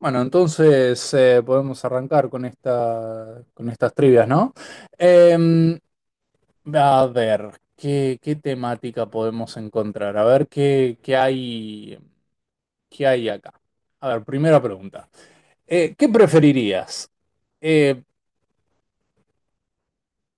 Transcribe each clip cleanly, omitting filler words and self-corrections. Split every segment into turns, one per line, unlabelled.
Bueno, entonces podemos arrancar con con estas trivias, ¿no? Em, a ver, ¿qué temática podemos encontrar? A ver qué hay acá. A ver, primera pregunta. ¿Qué preferirías? Eh,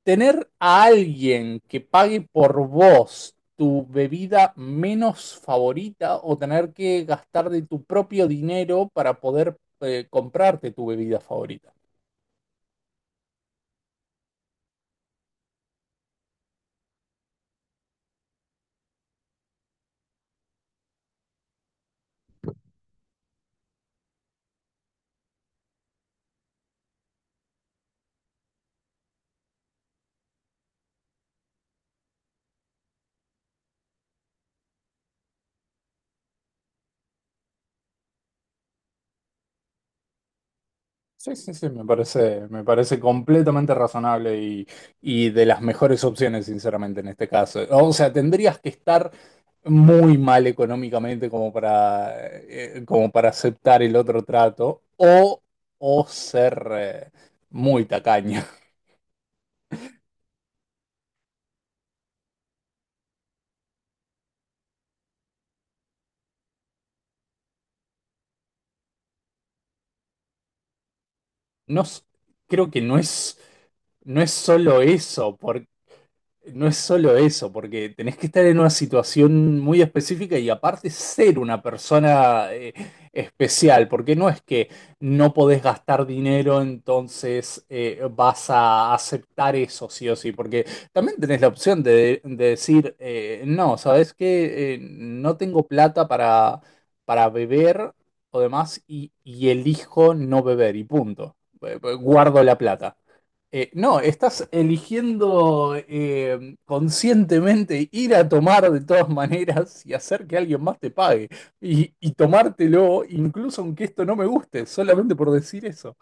¿Tener a alguien que pague por vos tu bebida menos favorita o tener que gastar de tu propio dinero para poder comprarte tu bebida favorita? Sí, sí, sí, me parece completamente razonable y de las mejores opciones, sinceramente, en este caso. O sea, tendrías que estar muy mal económicamente como para, como para aceptar el otro trato o ser muy tacaño. No, s- Creo que no es... No es solo eso. No es solo eso, porque tenés que estar en una situación muy específica y aparte ser una persona especial, porque no es que no podés gastar dinero, entonces vas a aceptar eso sí o sí, porque también tenés la opción de decir, no, ¿sabes qué? No tengo plata para beber o demás y elijo no beber y punto. Guardo la plata. No, estás eligiendo conscientemente ir a tomar de todas maneras y hacer que alguien más te pague. Y tomártelo, incluso aunque esto no me guste, solamente por decir eso.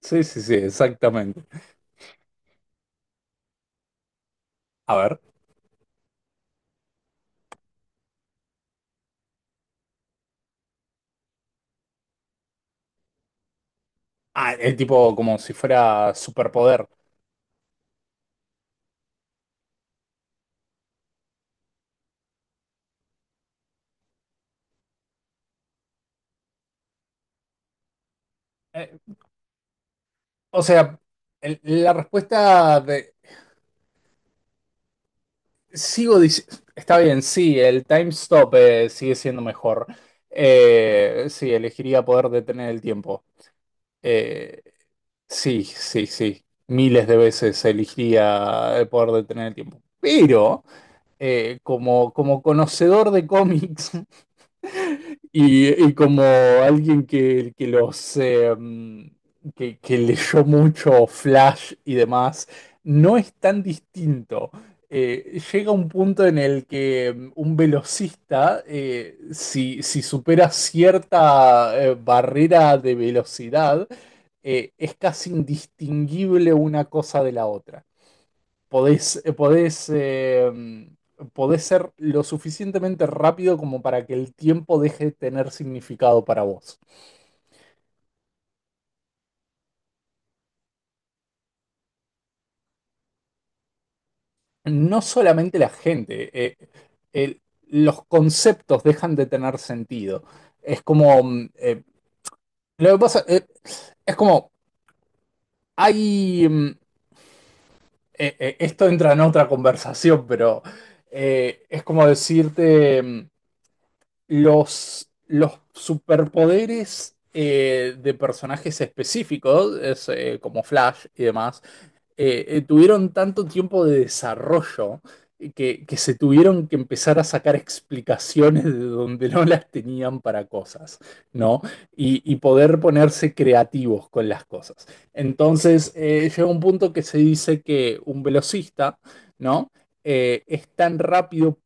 Sí, sí, sí, exactamente. A ver, ah, el tipo como si fuera superpoder. Eh, o sea, la respuesta de... Sigo diciendo... Está bien, sí, el time stop sigue siendo mejor. Sí, elegiría poder detener el tiempo. Eh, Sí, sí, sí. Miles de veces elegiría el poder detener el tiempo. Pero, como, como conocedor de cómics, y como alguien que los que leyó mucho Flash y demás, no es tan distinto. Llega un punto en el que un velocista, si supera cierta barrera de velocidad, es casi indistinguible una cosa de la otra. Podés ser lo suficientemente rápido como para que el tiempo deje de tener significado para vos. No solamente la gente, el- los conceptos dejan de tener sentido. Es como, lo que pasa, es como, hay, esto entra en otra conversación, pero es como decirte... los superpoderes de personajes específicos, es, como Flash y demás, tuvieron tanto tiempo de desarrollo que se tuvieron que empezar a sacar explicaciones de donde no las tenían para cosas, ¿no? Y poder ponerse creativos con las cosas. Entonces, llega un punto que se dice que un velocista, ¿no? Es tan rápido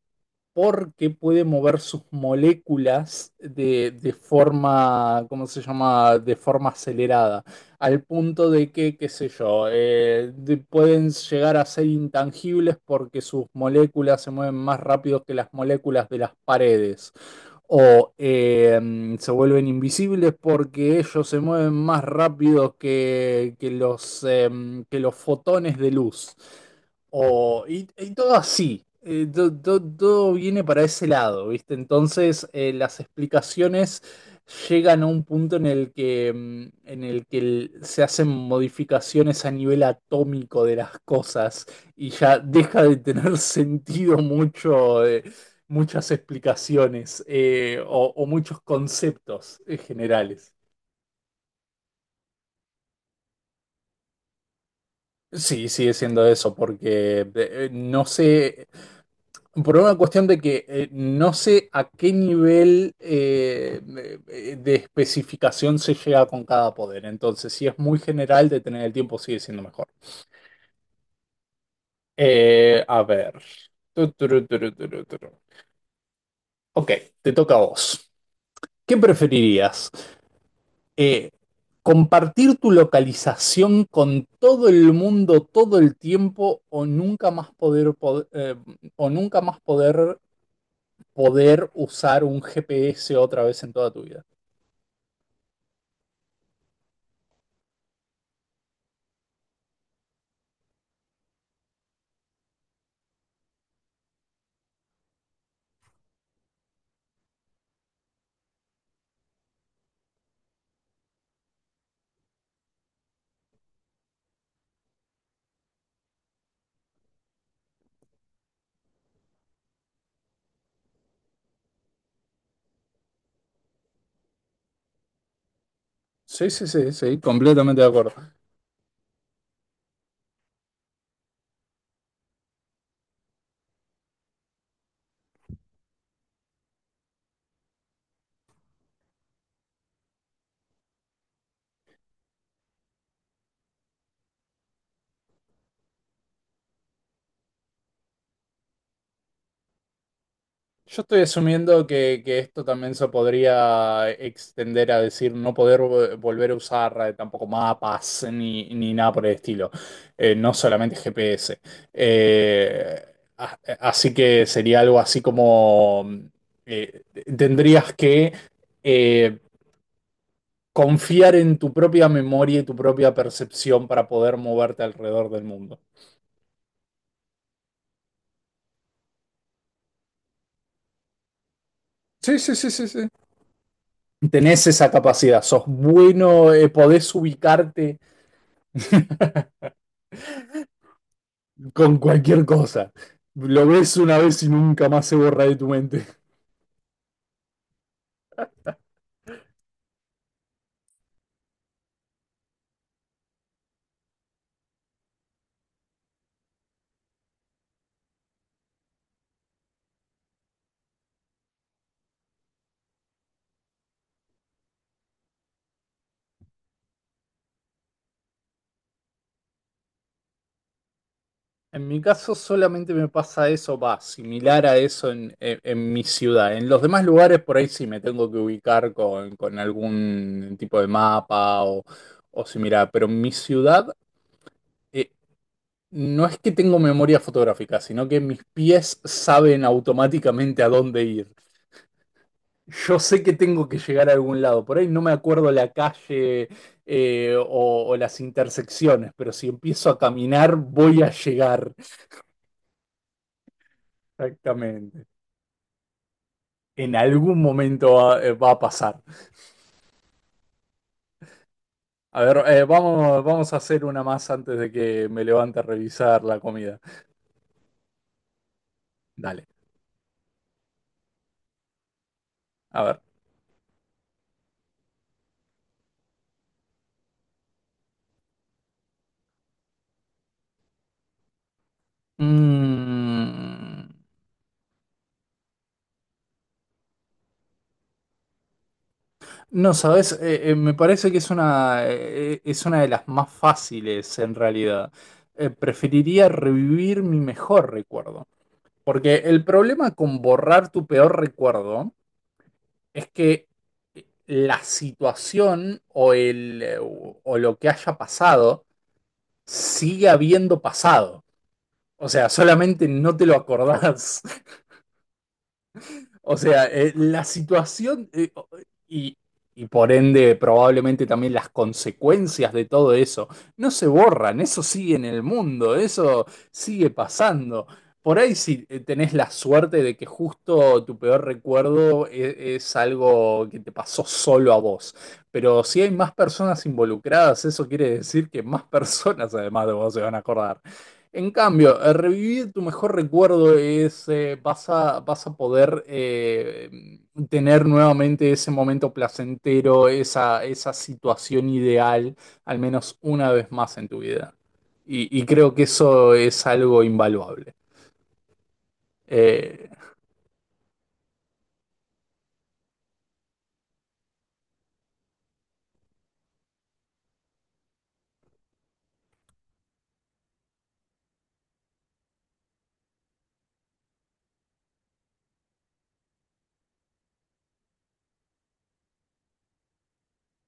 porque puede mover sus moléculas de forma, ¿cómo se llama? De forma acelerada, al punto de que, qué sé yo, pueden llegar a ser intangibles porque sus moléculas se mueven más rápido que las moléculas de las paredes. O se vuelven invisibles porque ellos se mueven más rápido que los, que los fotones de luz. Y todo así, todo viene para ese lado, ¿viste? Entonces, las explicaciones llegan a un punto en el que, en el que se hacen modificaciones a nivel atómico de las cosas y ya deja de tener sentido mucho, muchas explicaciones eh, o muchos conceptos generales. Sí, sigue siendo eso, porque no sé. Por una cuestión de que no sé a qué nivel de especificación se llega con cada poder. Entonces, si es muy general, detener el tiempo sigue siendo mejor. A ver. Tu, turu, turu, turu, turu. Ok, te toca a vos. ¿Qué preferirías? Eh, ¿Compartir tu localización con todo el mundo todo el tiempo o nunca más poder, pod- o nunca más poder, poder usar un GPS otra vez en toda tu vida? Sí, sí, sí, sí, completamente de acuerdo. Yo estoy asumiendo que esto también se podría extender a decir no volver a usar tampoco mapas ni nada por el estilo. No solamente GPS. Eh, Así que sería algo así como eh, tendrías que eh, confiar en tu propia memoria y tu propia percepción para poder moverte alrededor del mundo. Sí, sí, sí, sí, sí, tenés esa capacidad, sos bueno, podés ubicarte con cualquier cosa. Lo ves una vez y nunca más se borra de tu mente. En mi caso solamente me pasa eso, va, similar a eso en, en mi ciudad. En los demás lugares por ahí sí me tengo que ubicar con algún tipo de mapa o similar, pero en mi ciudad eh, no es que tengo memoria fotográfica, sino que mis pies saben automáticamente a dónde ir. Yo sé que tengo que llegar a algún lado, por ahí no me acuerdo la calle o las intersecciones, pero si empiezo a caminar voy a llegar. Exactamente. En algún momento va a pasar. A ver, vamos a hacer una más antes de que me levante a revisar la comida. Dale, a ver. Mm, no, sabes, me parece que es una de las más fáciles en realidad. Preferiría revivir mi mejor recuerdo. Porque el problema con borrar tu peor recuerdo es que la situación o lo que haya pasado sigue habiendo pasado. O sea, solamente no te lo acordás. O sea, la situación y, y por ende probablemente también las consecuencias de todo eso no se borran, eso sigue en el mundo, eso sigue pasando. Por ahí si tenés la suerte de que justo tu peor recuerdo es algo que te pasó solo a vos, pero si hay más personas involucradas, eso quiere decir que más personas además de vos se van a acordar. En cambio, revivir tu mejor recuerdo es, vas a poder tener nuevamente ese momento placentero, esa situación ideal, al menos una vez más en tu vida. Y creo que eso es algo invaluable. Eh,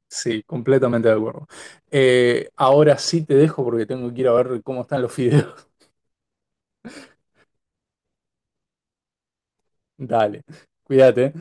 sí, completamente de acuerdo. Ahora sí te dejo porque tengo que ir a ver cómo están los fideos. Dale, cuídate.